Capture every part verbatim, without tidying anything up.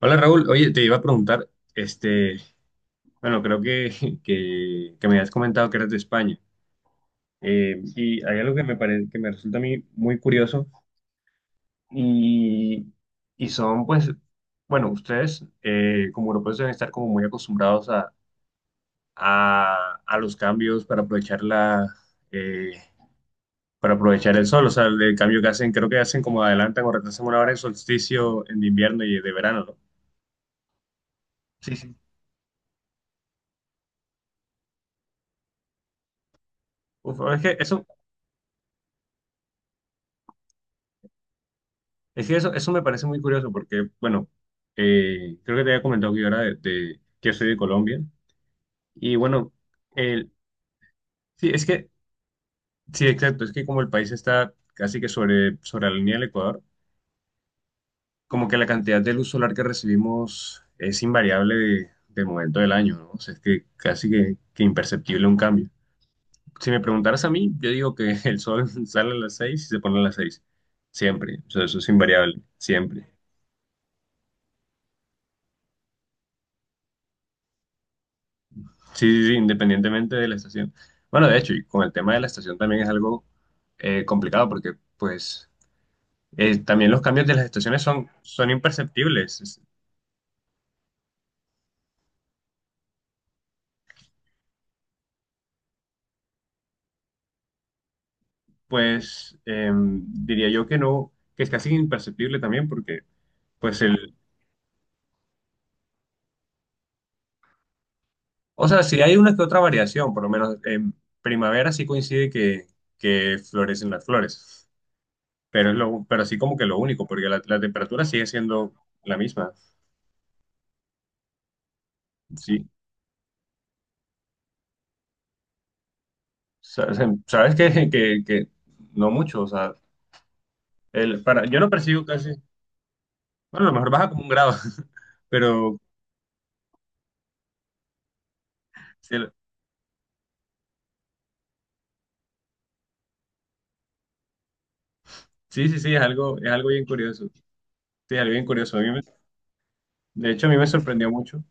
Hola Raúl, oye, te iba a preguntar, este, bueno, creo que, que, que me habías comentado que eres de España. Eh, y hay algo que me parece, que me resulta a mí muy curioso, y, y son pues, bueno, ustedes eh, como europeos deben estar como muy acostumbrados a, a, a los cambios para aprovechar la, eh, para aprovechar el sol, o sea, el, cambio que hacen, creo que hacen como adelantan o retrasan una hora el solsticio en invierno y de verano, ¿no? Sí, sí. Uf, es que eso. Es que eso, eso me parece muy curioso porque, bueno, eh, creo que te había comentado que yo era de, de- que yo soy de Colombia. Y bueno, el, sí, es que, sí, exacto, es que como el país está casi que sobre, sobre la línea del Ecuador, como que la cantidad de luz solar que recibimos es invariable de, del momento del año, ¿no? O sea, es que casi que, que imperceptible un cambio. Si me preguntaras a mí, yo digo que el sol sale a las seis y se pone a las seis, siempre, o sea, eso es invariable, siempre. Sí, sí, sí, independientemente de la estación. Bueno, de hecho, y con el tema de la estación también es algo eh, complicado porque, pues, eh, también los cambios de las estaciones son, son imperceptibles. Es- Pues, eh, diría yo que no, que es casi imperceptible también porque, pues, el, o sea, si hay una que otra variación, por lo menos en primavera sí coincide que, que florecen las flores, pero es lo, pero así como que lo único, porque la, la temperatura sigue siendo la misma. Sí. Sa- se- Sabes que, que, que no mucho, o sea, el, para, yo no percibo casi, bueno, a lo mejor baja como un grado, pero sí, el- sí, sí, sí, es algo, es algo bien curioso, sí, es algo bien curioso, a mí me- de hecho a mí me sorprendió mucho,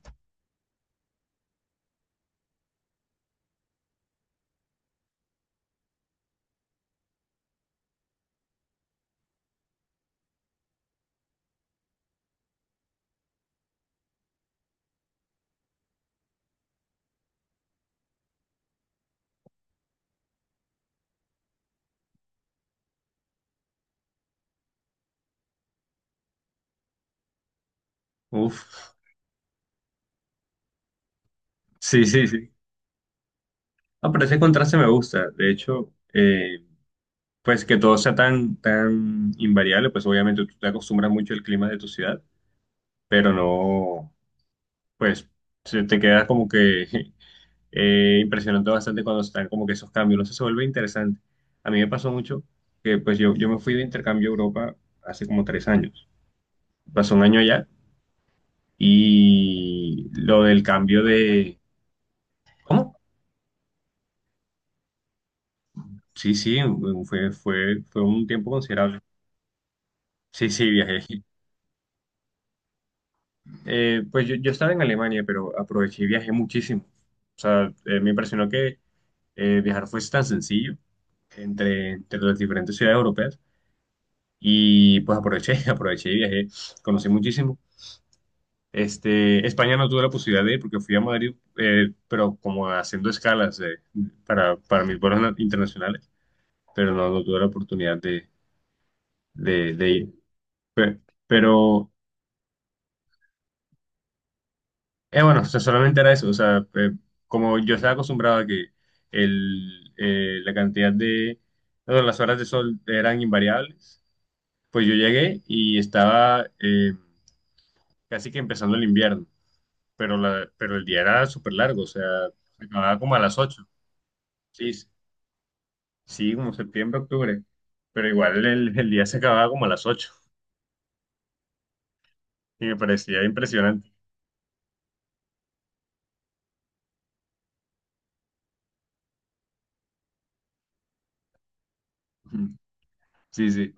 uf, sí, sí, sí, ah, pero ese contraste me gusta, de hecho, eh, pues que todo sea tan, tan invariable, pues obviamente tú te acostumbras mucho al clima de tu ciudad, pero no, pues se te queda como que eh, impresionante bastante cuando están como que esos cambios, no sé, se vuelve interesante. A mí me pasó mucho que pues yo, yo me fui de intercambio a Europa hace como tres años. Pasó un año allá y lo del cambio de... ¿Cómo? Sí, sí, fue, fue, fue un tiempo considerable. Sí, sí, viajé. Eh, pues yo, yo estaba en Alemania, pero aproveché y viajé muchísimo. O sea, eh, me impresionó que eh, viajar fuese tan sencillo entre, entre las diferentes ciudades europeas. Y pues aproveché, aproveché y viajé, conocí muchísimo. Este, España no tuve la posibilidad de ir porque fui a Madrid, eh, pero como haciendo escalas eh, para, para mis vuelos na- internacionales, pero no, no tuve la oportunidad de, de, de ir. Pe- Pero, eh, bueno, o sea, solamente era eso, o sea, eh, como yo estaba acostumbrado a que el, eh, la cantidad de, bueno, las horas de sol eran invariables, pues yo llegué y estaba eh, casi que empezando el invierno. Pero, la, pero el día era súper largo, o sea, se acababa como a las ocho. Sí, s- sí, como septiembre, octubre. Pero igual el, el día se acababa como a las ocho y me parecía impresionante. Ujú. Sí, sí.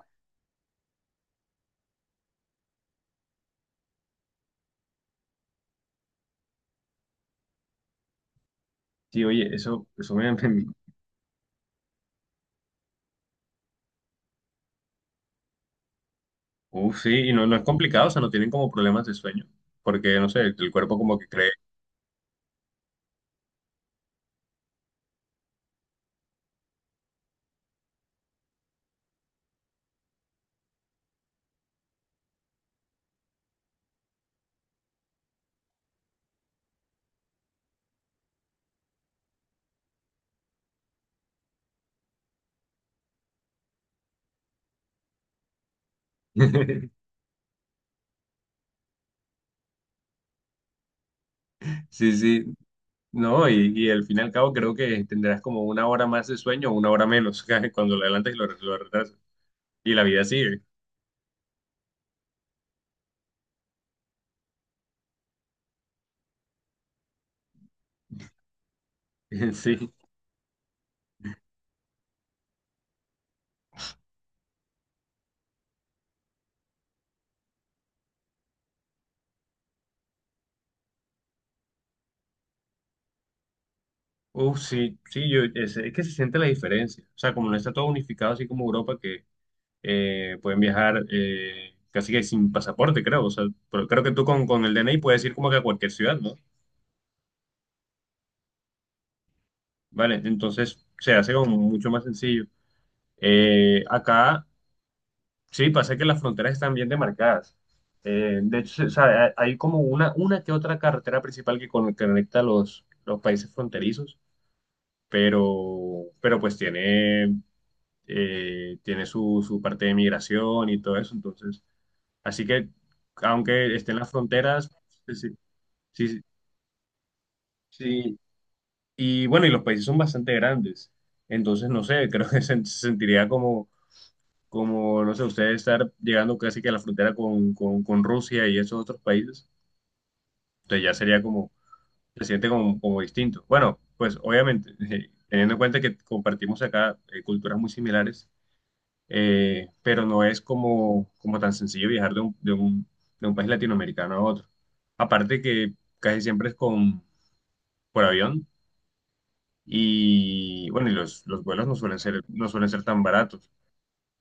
Sí, oye, eso, eso me... me- Uf, sí, y no, no es complicado, o sea, no tienen como problemas de sueño, porque, no sé, el cuerpo como que cree. Sí, sí, no, y, y al fin y al cabo creo que tendrás como una hora más de sueño o una hora menos cuando lo adelantas y lo, lo retrasas. Y la vida sigue. Sí. Uf, sí, sí, yo, es, es que se siente la diferencia. O sea, como no está todo unificado, así como Europa, que eh, pueden viajar eh, casi que sin pasaporte, creo. O sea, pero creo que tú con, con el D N I puedes ir como que a cualquier ciudad, ¿no? Vale, entonces se hace como mucho más sencillo. Eh, acá sí pasa que las fronteras están bien demarcadas. Eh, de hecho, se- o sea, hay hay como una, una que otra carretera principal que con- conecta los, los países fronterizos, pero, pero pues tiene. Eh, tiene su, su parte de migración y todo eso. Entonces, así que, aunque estén las fronteras, pues, sí, sí, sí. Sí. Y bueno, y los países son bastante grandes. Entonces, no sé, creo que se, se sentiría como, como, no sé, ustedes estar llegando casi que a la frontera con, con, con Rusia y esos otros países. Entonces ya sería como, se siente como, como distinto. Bueno, pues obviamente, teniendo en cuenta que compartimos acá eh, culturas muy similares, eh, pero no es como, como tan sencillo viajar de un, de un, de un país latinoamericano a otro. Aparte que casi siempre es con, por avión y bueno, y los, los vuelos no suelen ser, no suelen ser tan baratos.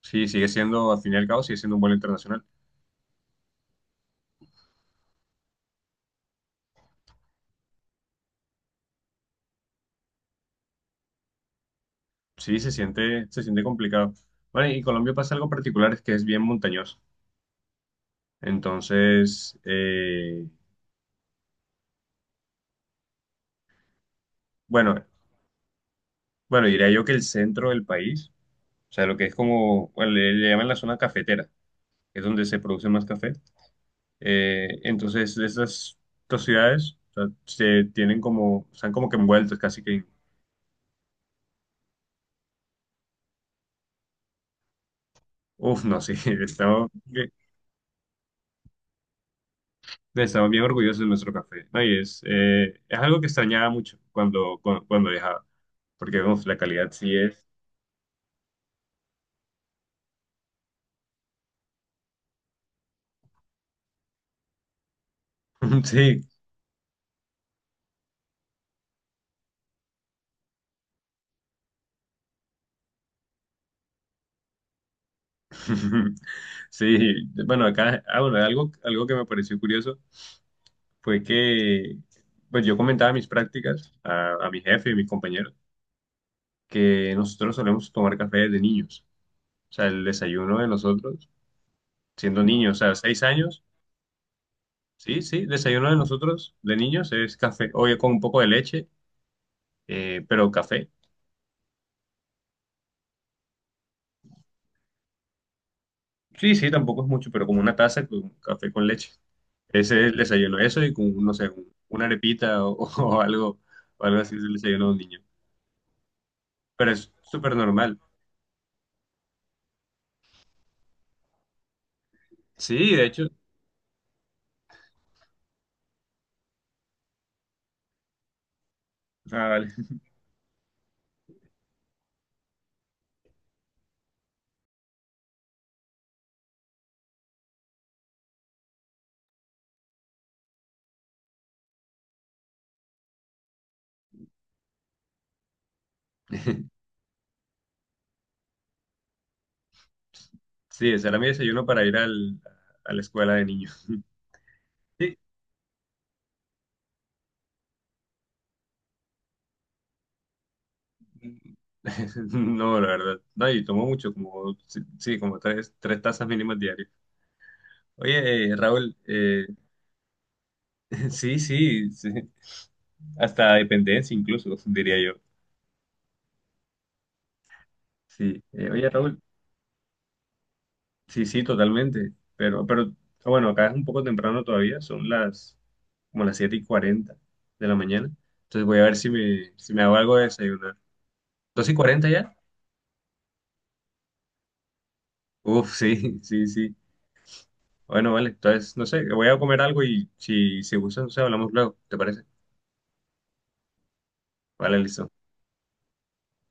Sí, sigue siendo, al fin y al cabo, sigue siendo un vuelo internacional. Sí, se siente, se siente complicado. Bueno, y Colombia pasa algo particular, es que es bien montañoso. Entonces, eh, bueno, bueno, diría yo que el centro del país, o sea, lo que es como, bueno, le, le llaman la zona cafetera, es donde se produce más café. Eh, entonces, estas dos ciudades, o sea, se tienen como, están como que envueltos casi que, en- uf, no sé, estamos, bien- estamos bien orgullosos de nuestro café. No, y es, eh, es algo que extrañaba mucho cuando, cuando, cuando viajaba, porque uf, la calidad sí es, sí, sí, bueno, acá, ah, bueno, algo, algo que me pareció curioso fue que, pues yo comentaba mis prácticas a, a mi jefe y mis compañeros, que nosotros solemos tomar café desde niños. O sea, el desayuno de nosotros, siendo niños, o sea, seis años, sí, sí, desayuno de nosotros, de niños, es café, oye, con un poco de leche, eh, pero café. Sí, sí, tampoco es mucho, pero como una taza con café con leche. Ese es el desayuno, eso y con, no sé, un- una arepita o, o algo, o algo así es el desayuno de un niño. Pero es súper normal. Sí, de hecho, ah, vale. Sí, ese era mi desayuno para ir al, a la escuela de niños. Sí. No, la verdad. No, y tomo mucho, como, sí, sí, como tres, tres tazas mínimas diarias. Oye, eh, Raúl, eh, sí, sí, sí. Hasta dependencia incluso, diría yo. Sí. Eh, oye, Raúl, sí, sí, totalmente. Pero, pero, ah, bueno, acá es un poco temprano todavía, son las, como las siete y cuarenta de la mañana. Entonces voy a ver si me, si me hago algo de desayunar. ¿Dos y cuarenta ya? Uf, sí, sí, sí. Bueno, vale. Entonces, no sé, voy a comer algo y si, si gustas, no sé, hablamos luego. ¿Te parece? Vale, listo.